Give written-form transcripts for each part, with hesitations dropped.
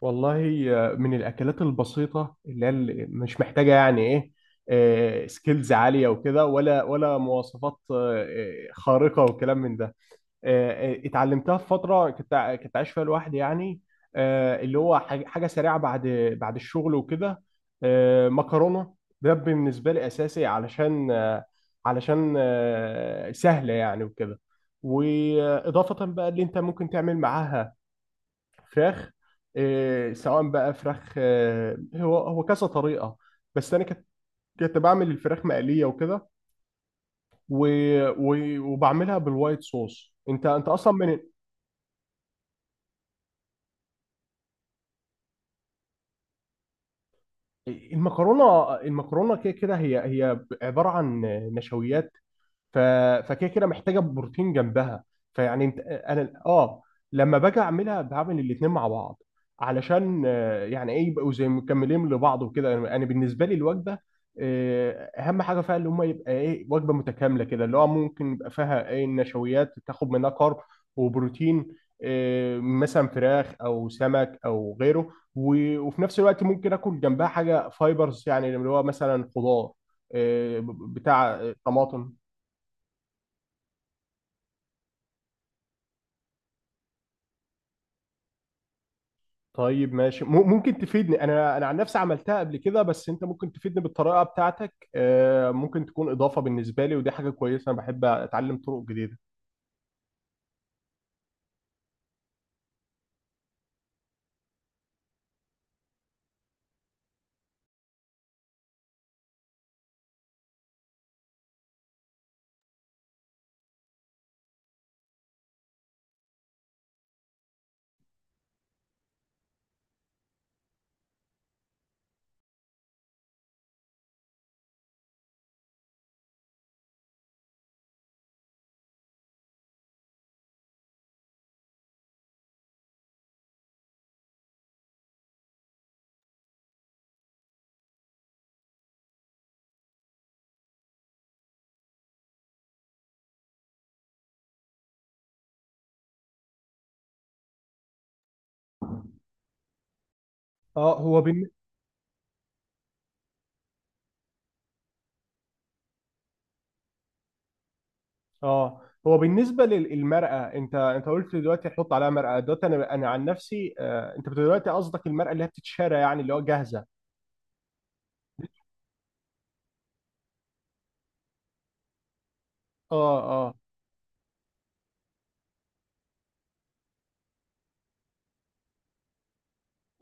والله. من الأكلات البسيطة اللي هي اللي مش محتاجة يعني إيه سكيلز عالية وكده ولا مواصفات خارقة وكلام من ده. اتعلمتها في فترة كنت عايش فيها لوحدي يعني. اللي هو حاجة سريعة بعد الشغل وكده. مكرونة، ده بالنسبة لي أساسي، علشان سهلة يعني وكده. وإضافة بقى اللي أنت ممكن تعمل معاها فراخ. سواء بقى فراخ، هو كذا طريقة. بس أنا كنت بعمل الفراخ مقلية وكده، و... وبعملها بالوايت صوص. أنت أصلا من المكرونة. المكرونة كده كده هي عبارة عن نشويات، ف... فكده محتاجه بروتين جنبها. فيعني انت انا اه، لما باجي اعملها بعمل الاتنين مع بعض علشان يعني ايه يبقوا زي مكملين لبعض وكده. أنا بالنسبه لي الوجبه آه، اهم حاجه فيها اللي هم يبقى ايه وجبه متكامله كده، اللي هو ممكن يبقى فيها ايه النشويات تاخد منها كارب وبروتين، مثلا فراخ او سمك او غيره. وفي نفس الوقت ممكن اكل جنبها حاجه فايبرز، يعني اللي هو مثلا خضار، بتاع طماطم. طيب ماشي، ممكن تفيدني. انا عن نفسي عملتها قبل كده، بس انت ممكن تفيدني بالطريقه بتاعتك، ممكن تكون اضافه بالنسبه لي، ودي حاجه كويسه، انا بحب اتعلم طرق جديده. اه، اه هو بالنسبه للمرأة، انت قلت دلوقتي هتحط عليها مرأة. دلوقتي انا عن نفسي، انت دلوقتي قصدك المرأة اللي هي بتتشرى، يعني اللي هو جاهزه؟ اه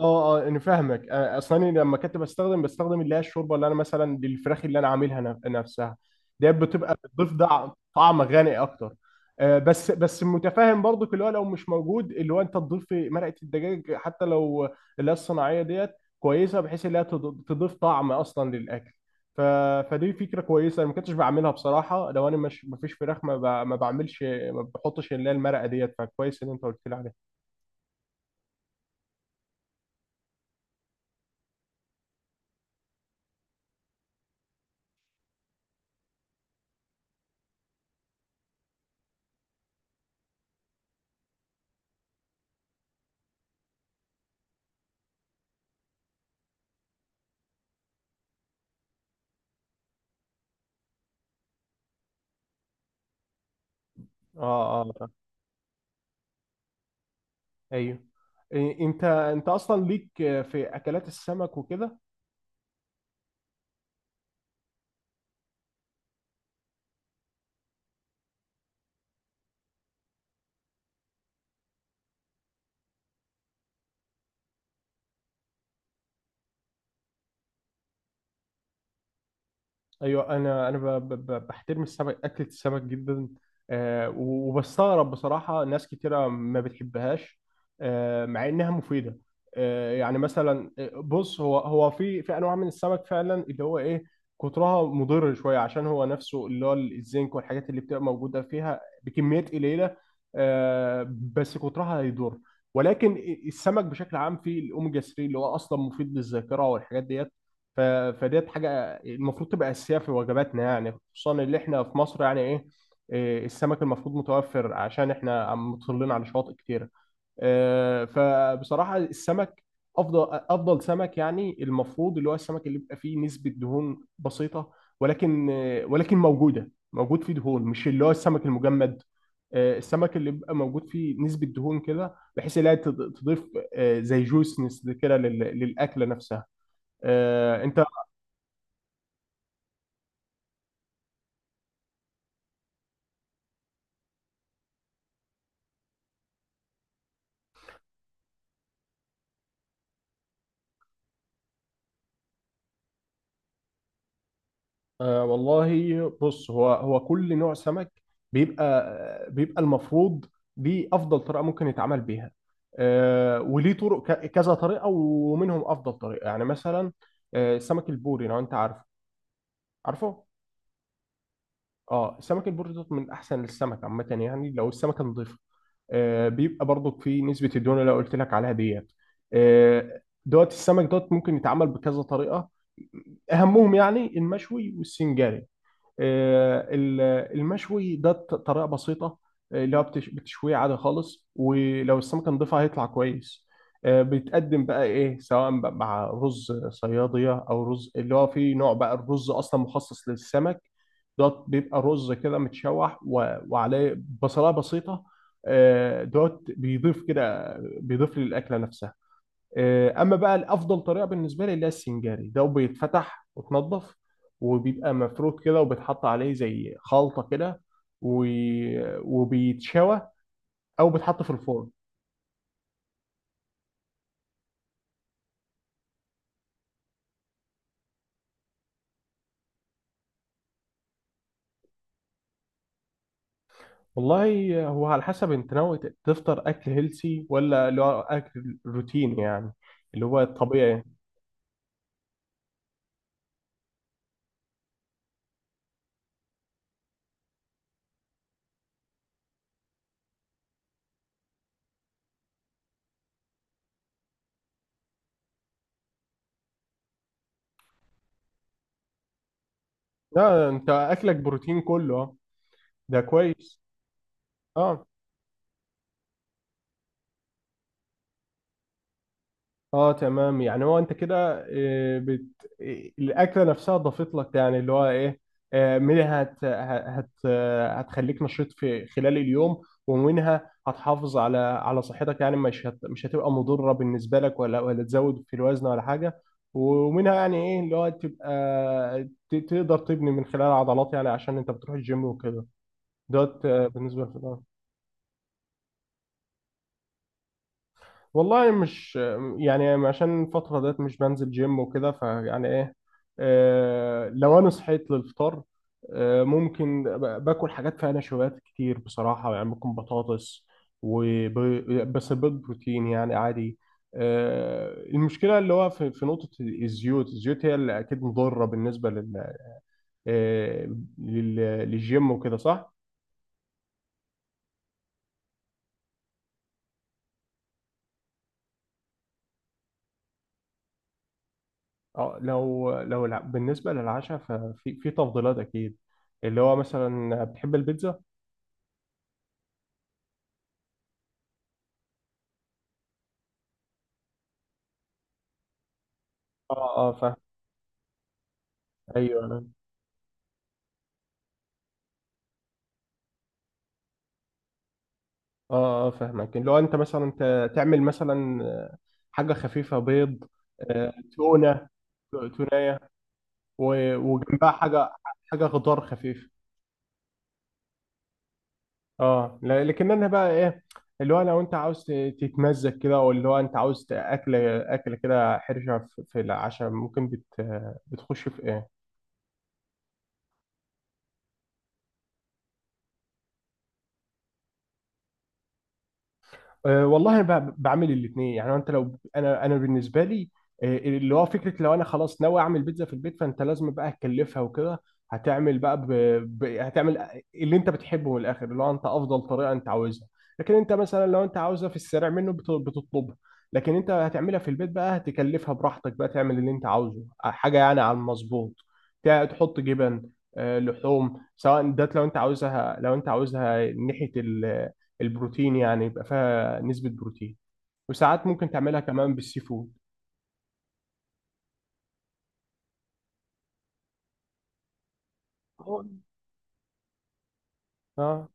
اه، انا فاهمك. اصلا أنا لما كنت بستخدم اللي هي الشوربه، اللي انا مثلا للفراخ اللي انا عاملها، نفسها دي بتبقى بتضيف طعم غني اكتر. بس متفاهم برضو، اللي هو لو مش موجود، اللي هو انت تضيف مرقه الدجاج، حتى لو اللي هي الصناعيه ديت كويسه، بحيث اللي هي تضيف طعم اصلا للاكل. ف... فدي فكره كويسه، انا ما كنتش بعملها بصراحه. لو انا مش، ما فيش فراخ، ما, ما بعملش، ما بحطش اللي هي المرقه ديت. فكويس ان انت قلت لي عليها. اه اه. ايوه، انت اصلا ليك في اكلات السمك وكده؟ ايوه، انا بحترم السمك، اكله السمك جدا. وبستغرب بصراحه ناس كتيره ما بتحبهاش، مع انها مفيده. آه، يعني مثلا آه، بص، هو في انواع من السمك فعلا، اللي هو ايه، كترها مضر شويه، عشان هو نفسه اللي هو الزنك والحاجات اللي بتبقى موجوده فيها بكميات قليله، آه، بس كترها هيضر. ولكن السمك بشكل عام فيه الاوميجا 3، اللي هو اصلا مفيد للذاكره والحاجات ديت. ف- فديت حاجه المفروض تبقى أساسية في وجباتنا، يعني خصوصا اللي احنا في مصر، يعني ايه، السمك المفروض متوفر، عشان احنا عم مطلين على شواطئ كتيرة. فبصراحة السمك، أفضل سمك يعني المفروض اللي هو السمك اللي بيبقى فيه نسبة دهون بسيطة، ولكن موجود فيه دهون، مش اللي هو السمك المجمد. السمك اللي بيبقى موجود فيه نسبة دهون كده، بحيث إنها تضيف زي جوسنس كده للأكلة نفسها. آه، أنت آه والله بص، هو كل نوع سمك بيبقى، المفروض دي افضل طريقه ممكن يتعمل بيها. آه وليه طرق، كذا طريقه، ومنهم افضل طريقه. يعني مثلا، آه سمك البوري، لو انت عارفه عارفه؟ اه سمك البوري دوت من احسن السمك عامه، يعني لو السمكه نضيفه آه بيبقى برضو في نسبه الدهون اللي أنا قلت لك عليها ديت. آه دوت السمك دوت ممكن يتعمل بكذا طريقه، اهمهم يعني المشوي والسنجاري. آه، ال- المشوي ده طريقة بسيطة، اللي هو بتشويه عادي خالص، ولو السمكة نضيفها هيطلع كويس. بيتقدم بقى ايه، سواء بقى مع رز صيادية او رز اللي هو فيه نوع، بقى الرز اصلا مخصص للسمك دوت، بيبقى رز كده متشوح وعليه بصلاية بسيطة. دوت بيضيف كده، بيضيف للأكلة نفسها. اما بقى الافضل طريقه بالنسبه لي اللي هي السنجاري، ده بيتفتح وتنضف وبيبقى مفروض كده، وبيتحط عليه زي خلطه كده، و... وبيتشوى او بيتحط في الفرن. والله هو على حسب انت ناوي تفطر اكل هيلسي، ولا اللي هو اكل روتين، يعني اللي هو الطبيعي. لا انت اكلك بروتين كله آه. ده كويس. اه اه تمام. يعني هو انت كده، آه، بت... آه، الاكله نفسها ضافت لك، يعني اللي هو ايه، منها هت... هت... آه، هتخليك نشيط في خلال اليوم، ومنها هتحافظ على صحتك، يعني مش هتبقى مضره بالنسبه لك، ولا تزود في الوزن ولا حاجه. ومنها يعني ايه، اللي هو تبقى تقدر تبني من خلال عضلات، يعني عشان انت بتروح الجيم وكده. دوت بالنسبه للفطار. والله مش يعني عشان الفترة ديت مش بنزل جيم وكده، فيعني ايه، آه لو انا صحيت للفطار، آه ممكن باكل حاجات فيها نشويات كتير بصراحة، يعني ممكن بطاطس بس بيض بروتين يعني عادي. آه المشكلة اللي هو في, في نقطة الزيوت، هي اللي اكيد مضرة بالنسبة لل, آه لل للجيم وكده، صح؟ اه لو لو بالنسبة للعشاء، ففي في تفضيلات أكيد، اللي هو مثلا بتحب البيتزا؟ اه اه فاهم. أيوه أنا اه اه فاهمك، اللي هو أنت مثلا تعمل مثلا، حاجة خفيفة، بيض، تونة، تونية، وجنبها حاجة، حاجة خضار خفيف. اه لكن أنا بقى إيه، اللي هو لو أنت عاوز تتمزج كده، أو اللي هو أنت عاوز أكل كده حرشة في في العشاء، ممكن بتخش في إيه؟ أه والله بعمل الاثنين. يعني انت لو انا، بالنسبه لي أه، اللي هو فكره لو انا خلاص ناوي اعمل بيتزا في البيت، فانت لازم بقى تكلفها وكده. هتعمل بقى هتعمل اللي انت بتحبه من الاخر، اللي هو انت افضل طريقه انت عاوزها. لكن انت مثلا لو انت عاوزها في السريع منه، بتطلبها. لكن انت هتعملها في البيت بقى، هتكلفها براحتك، بقى تعمل اللي انت عاوزه، حاجه يعني على المظبوط. تحط جبن، أه، لحوم، سواء ده لو انت عاوزها، لو انت عاوزها ناحيه البروتين، يعني يبقى فيها نسبة بروتين. وساعات ممكن تعملها كمان بالسي فود. هو اه،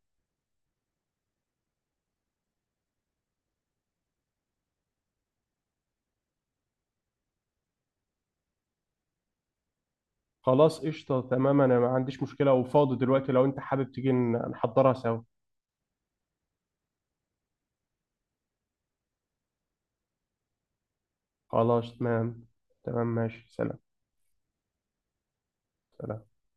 خلاص قشطة تمام، انا ما عنديش مشكلة وفاضي دلوقتي، لو انت حابب تيجي نحضرها سوا. خلاص تمام. تمام ماشي، سلام. سلام.